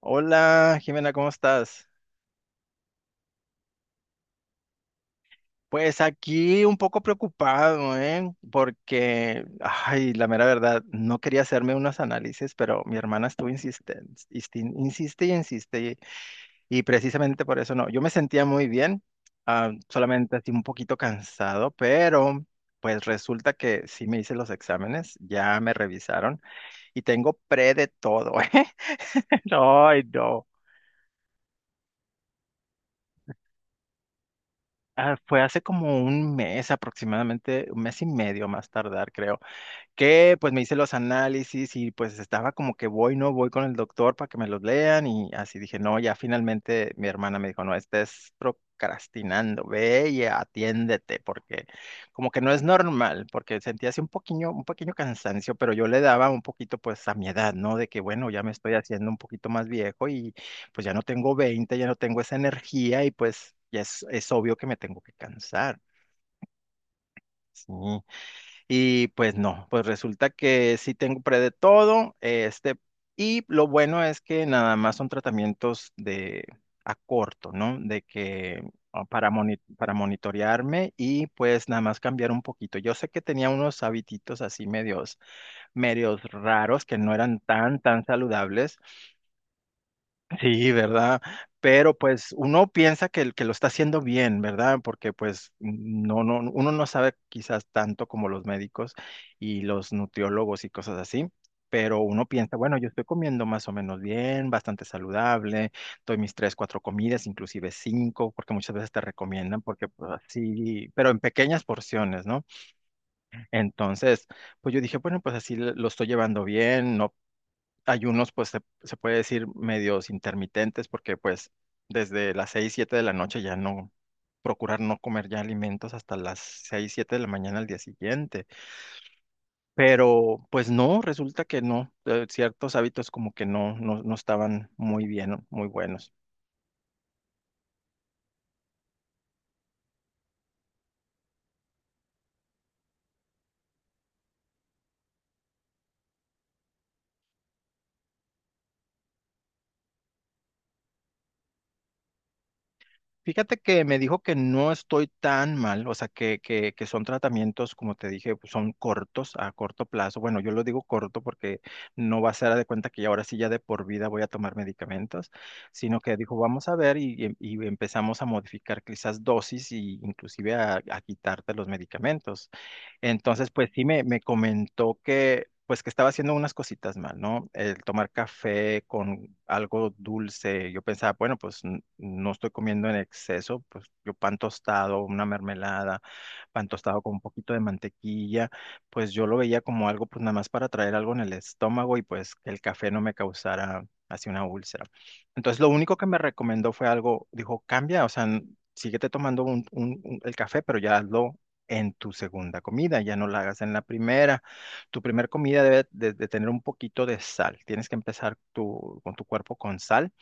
Hola, Jimena, ¿cómo estás? Pues aquí un poco preocupado, ¿eh? Porque, ay, la mera verdad, no quería hacerme unos análisis, pero mi hermana estuvo insistente, insiste y insiste, y precisamente por eso no. Yo me sentía muy bien, solamente así un poquito cansado, pero pues resulta que sí me hice los exámenes, ya me revisaron y tengo pre de todo, ¿eh? No, ay, no. Fue hace como un mes aproximadamente, un mes y medio más tardar, creo que pues me hice los análisis y pues estaba como que voy, no voy con el doctor para que me los lean y así dije, no, ya finalmente mi hermana me dijo, no, estés procrastinando, ve y atiéndete porque como que no es normal, porque sentía así un pequeño cansancio, pero yo le daba un poquito pues a mi edad, ¿no? De que bueno, ya me estoy haciendo un poquito más viejo y pues ya no tengo 20 ya no tengo esa energía y pues ya es obvio que me tengo que cansar. Sí. Y pues no, pues resulta que sí tengo pre de todo, este, y lo bueno es que nada más son tratamientos de a corto, ¿no? De que para monitorearme y pues nada más cambiar un poquito. Yo sé que tenía unos habititos así medios raros que no eran tan, tan saludables. Sí, ¿verdad? Pero pues uno piensa que, el que lo está haciendo bien, ¿verdad? Porque pues no, no, uno no sabe quizás tanto como los médicos y los nutriólogos y cosas así, pero uno piensa, bueno, yo estoy comiendo más o menos bien, bastante saludable, doy mis tres, cuatro comidas, inclusive cinco, porque muchas veces te recomiendan, porque pues así, pero en pequeñas porciones, ¿no? Entonces, pues yo dije, bueno, pues así lo estoy llevando bien, no ayunos, pues se puede decir medios intermitentes, porque pues desde las 6 7 de la noche ya no, procurar no comer ya alimentos hasta las 6 7 de la mañana al día siguiente. Pero pues no, resulta que no, ciertos hábitos como que no estaban muy bien, muy buenos. Fíjate que me dijo que no estoy tan mal, o sea, que son tratamientos, como te dije, pues, son cortos, a corto plazo. Bueno, yo lo digo corto porque no va a ser haz de cuenta que ya ahora sí ya de por vida voy a tomar medicamentos, sino que dijo, vamos a ver y empezamos a modificar quizás dosis y inclusive a quitarte los medicamentos. Entonces, pues sí me comentó que, pues que estaba haciendo unas cositas mal, ¿no? El tomar café con algo dulce. Yo pensaba, bueno, pues no estoy comiendo en exceso, pues yo pan tostado, una mermelada, pan tostado con un poquito de mantequilla, pues yo lo veía como algo, pues nada más para traer algo en el estómago y pues que el café no me causara así una úlcera. Entonces, lo único que me recomendó fue algo, dijo, cambia, o sea, síguete tomando el café, pero ya hazlo en tu segunda comida, ya no la hagas en la primera. Tu primera comida debe de tener un poquito de sal. Tienes que empezar tu, con tu cuerpo con sal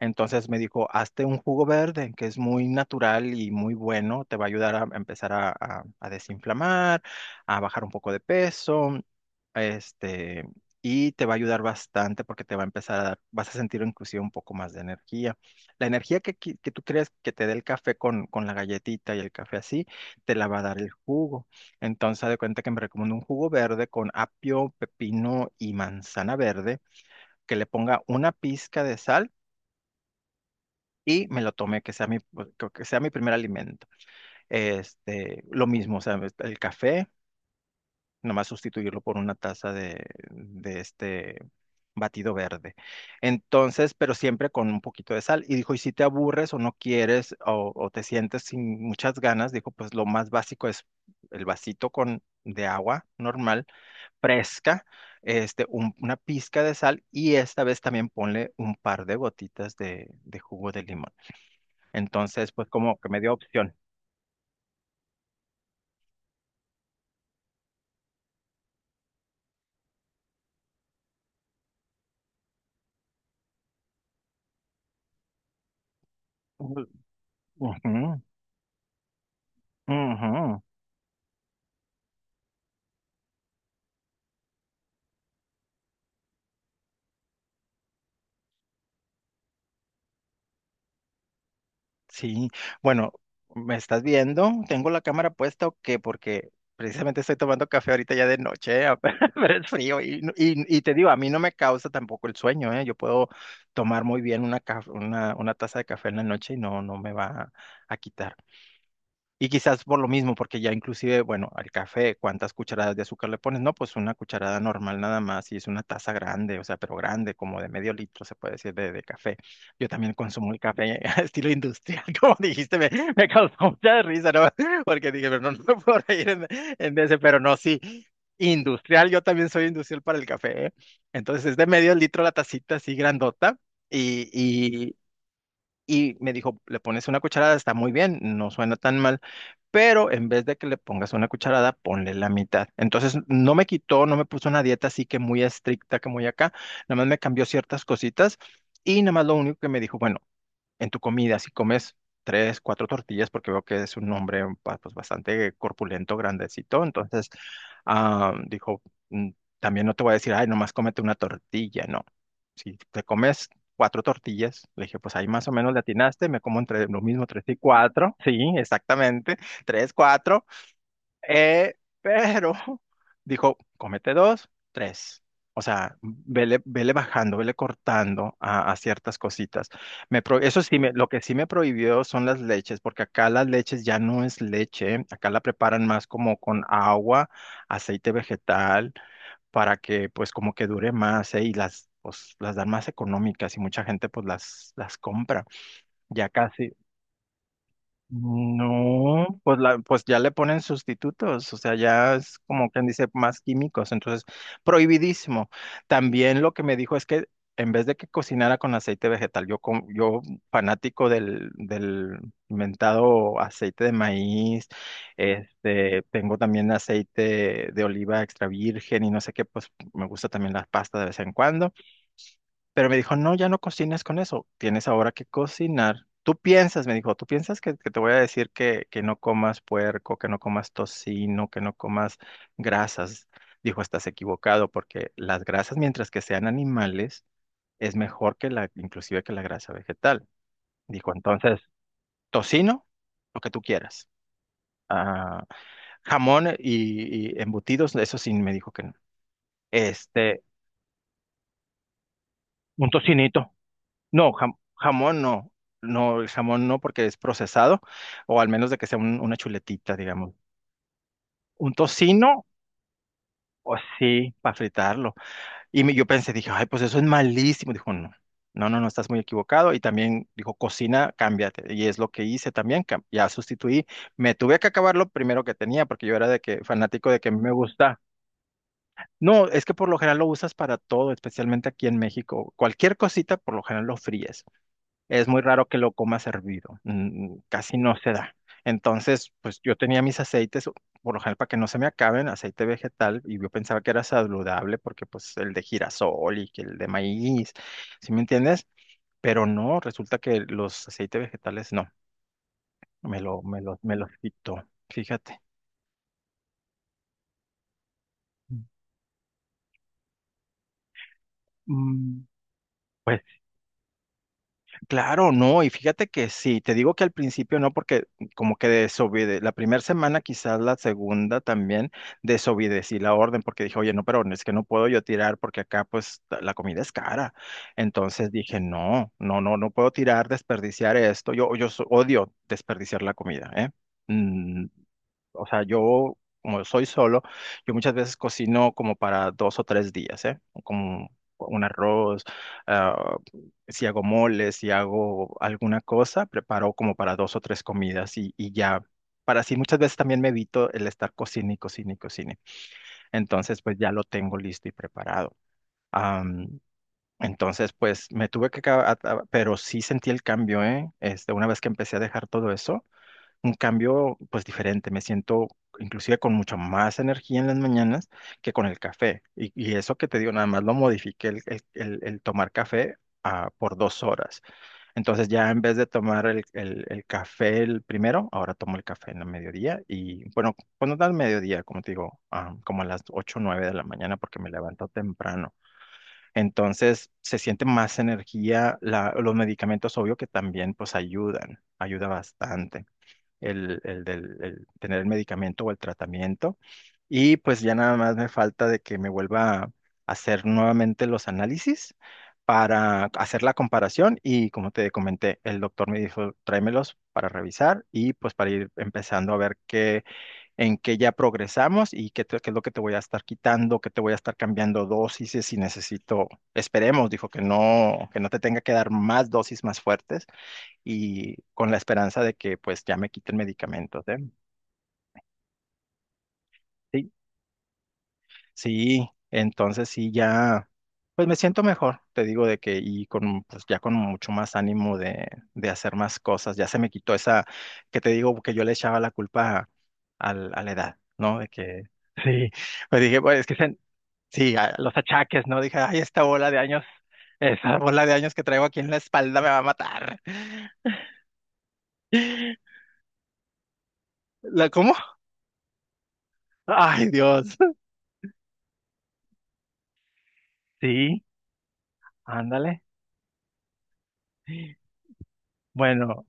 entonces me dijo, hazte un jugo verde, que es muy natural y muy bueno, te va a ayudar a empezar a desinflamar, a bajar un poco de peso, este, y te va a ayudar bastante porque te va a empezar a dar, vas a sentir inclusive un poco más de energía. La energía que tú crees que te dé el café con la galletita y el café así, te la va a dar el jugo. Entonces, haz de cuenta que me recomiendo un jugo verde con apio, pepino y manzana verde, que le ponga una pizca de sal y me lo tomé, que sea mi primer alimento. Este, lo mismo, o sea, el café, nomás sustituirlo por una taza de este batido verde. Entonces, pero siempre con un poquito de sal. Y dijo, y si te aburres o no quieres o te sientes sin muchas ganas, dijo, pues lo más básico es el vasito con de agua normal, fresca, este, una pizca de sal y esta vez también ponle un par de gotitas de jugo de limón. Entonces, pues como que me dio opción. Ujú, ujú, sí, bueno, ¿me estás viendo? ¿Tengo la cámara puesta o qué? Porque precisamente estoy tomando café ahorita ya de noche, pero es frío te digo, a mí no me causa tampoco el sueño, ¿eh? Yo puedo tomar muy bien una taza de café en la noche y no, no me va a quitar. Y quizás por lo mismo, porque ya inclusive, bueno, al café, ¿cuántas cucharadas de azúcar le pones? No, pues una cucharada normal nada más y es una taza grande, o sea, pero grande, como de medio litro, se puede decir, de café. Yo también consumo el café a estilo industrial, como dijiste, me causó mucha risa, ¿no? Porque dije, pero no, no me puedo reír pero no, sí, industrial, yo también soy industrial para el café, ¿eh? Entonces es de medio litro la tacita así grandota y, y, y me dijo, le pones una cucharada, está muy bien, no suena tan mal pero en vez de que le pongas una cucharada, ponle la mitad. Entonces, no me quitó, no me puso una dieta así que muy estricta, que muy acá, nada más me cambió ciertas cositas y nada más lo único que me dijo, bueno, en tu comida, si comes tres, cuatro tortillas, porque veo que es un hombre pues, bastante corpulento, grandecito, entonces dijo, "Mm, también no te voy a decir, ay, nomás cómete una tortilla, no. Si te comes cuatro tortillas, le dije, pues ahí más o menos le atinaste, me como entre lo mismo tres y cuatro, sí, exactamente, tres, cuatro, eh, pero dijo, cómete dos, tres. O sea, vele, vele bajando, vele cortando a ciertas cositas. Eso sí, lo que sí me prohibió son las leches, porque acá las leches ya no es leche, acá la preparan más como con agua, aceite vegetal, para que pues como que dure más, ¿eh? Y las, pues, las dan más económicas y mucha gente pues las compra. Ya casi. No, pues pues ya le ponen sustitutos, o sea, ya es como quien dice más químicos, entonces prohibidísimo. También lo que me dijo es que en vez de que cocinara con aceite vegetal, yo fanático del inventado aceite de maíz, este, tengo también aceite de oliva extra virgen y no sé qué, pues me gusta también la pasta de vez en cuando. Pero me dijo, no, ya no cocinas con eso, tienes ahora que cocinar. Tú piensas, me dijo, tú piensas que te voy a decir que no comas puerco, que no comas tocino, que no comas grasas. Dijo, estás equivocado porque las grasas, mientras que sean animales, es mejor que la, inclusive que la grasa vegetal. Dijo, entonces, tocino, lo que tú quieras. Ah, jamón y embutidos, eso sí me dijo que no. Este, un tocinito. No, jamón no. No, el jamón no porque es procesado, o al menos de que sea una chuletita, digamos. Un tocino, o sí, para fritarlo. Y yo pensé, dije, ay, pues eso es malísimo. Dijo, no, no, no, no, estás muy equivocado. Y también dijo, cocina, cámbiate. Y es lo que hice también, ya sustituí. Me tuve que acabar lo primero que tenía, porque yo era de que fanático de que me gusta. No, es que por lo general lo usas para todo, especialmente aquí en México. Cualquier cosita, por lo general lo fríes. Es muy raro que lo coma servido, casi no se da. Entonces, pues yo tenía mis aceites, por lo general para que no se me acaben, aceite vegetal, y yo pensaba que era saludable porque pues el de girasol y que el de maíz, ¿sí me entiendes? Pero no, resulta que los aceites vegetales no, me los quitó, fíjate. Mm, Pues claro, no, y fíjate que sí, te digo que al principio no, porque como que desobede, la primera semana, quizás la segunda también, desobedecí la orden porque dije, oye, no, pero es que no puedo yo tirar porque acá pues la comida es cara. Entonces dije, no, no, no, no puedo tirar, desperdiciar esto. Odio desperdiciar la comida, ¿eh? O sea, yo, como soy solo, yo muchas veces cocino como para dos o tres días, ¿eh? Como un arroz, ah, si hago moles, si hago alguna cosa, preparo como para dos o tres comidas y ya. Para así muchas veces también me evito el estar cocine y cocine y cocine. Entonces, pues ya lo tengo listo y preparado. Am, entonces, pues me tuve que, pero sí sentí el cambio, ¿eh? Este, una vez que empecé a dejar todo eso un cambio pues diferente. Me siento inclusive con mucha más energía en las mañanas que con el café. Y eso que te digo, nada más lo modifiqué el tomar café por dos horas. Entonces ya en vez de tomar el café el primero, ahora tomo el café en la mediodía. Y bueno, cuando da el mediodía, como te digo, como a las 8 o 9 de la mañana porque me levanto temprano. Entonces se siente más energía, los medicamentos obvio que también pues ayudan, ayuda bastante el del- el tener el medicamento o el tratamiento. Y pues ya nada más me falta de que me vuelva a hacer nuevamente los análisis para hacer la comparación y como te comenté, el doctor me dijo, tráemelos para revisar y pues para ir empezando a ver qué, en qué ya progresamos y qué, qué es lo que te voy a estar quitando, qué te voy a estar cambiando dosis si necesito, esperemos, dijo que no te tenga que dar más dosis más fuertes y con la esperanza de que pues ya me quiten medicamentos, ¿eh? Sí, sí, entonces sí, ya, pues me siento mejor, te digo de que y con, pues ya con mucho más ánimo de hacer más cosas, ya se me quitó esa, que te digo que yo le echaba la culpa a la edad, ¿no? De que, sí, pues dije, bueno, es que sí, los achaques, ¿no? Dije, ay, esta bola de años, esa bola de años que traigo aquí en la espalda me va a matar. ¿La cómo? Ay, Dios. Sí. Ándale. Bueno,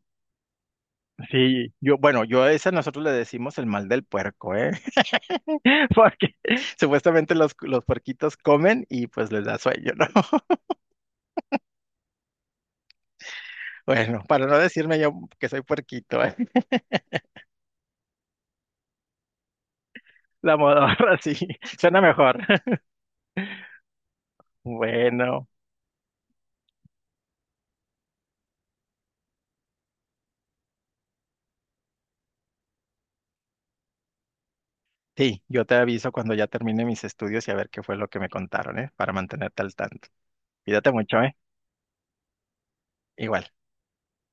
sí, yo, bueno, yo a ese nosotros le decimos el mal del puerco, ¿eh? Porque supuestamente los puerquitos comen y pues les da sueño, ¿no? Bueno, para no decirme yo que soy puerquito, ¿eh? La modorra, sí, suena mejor. Bueno, sí, yo te aviso cuando ya termine mis estudios y a ver qué fue lo que me contaron, ¿eh? Para mantenerte al tanto. Cuídate mucho, ¿eh? Igual.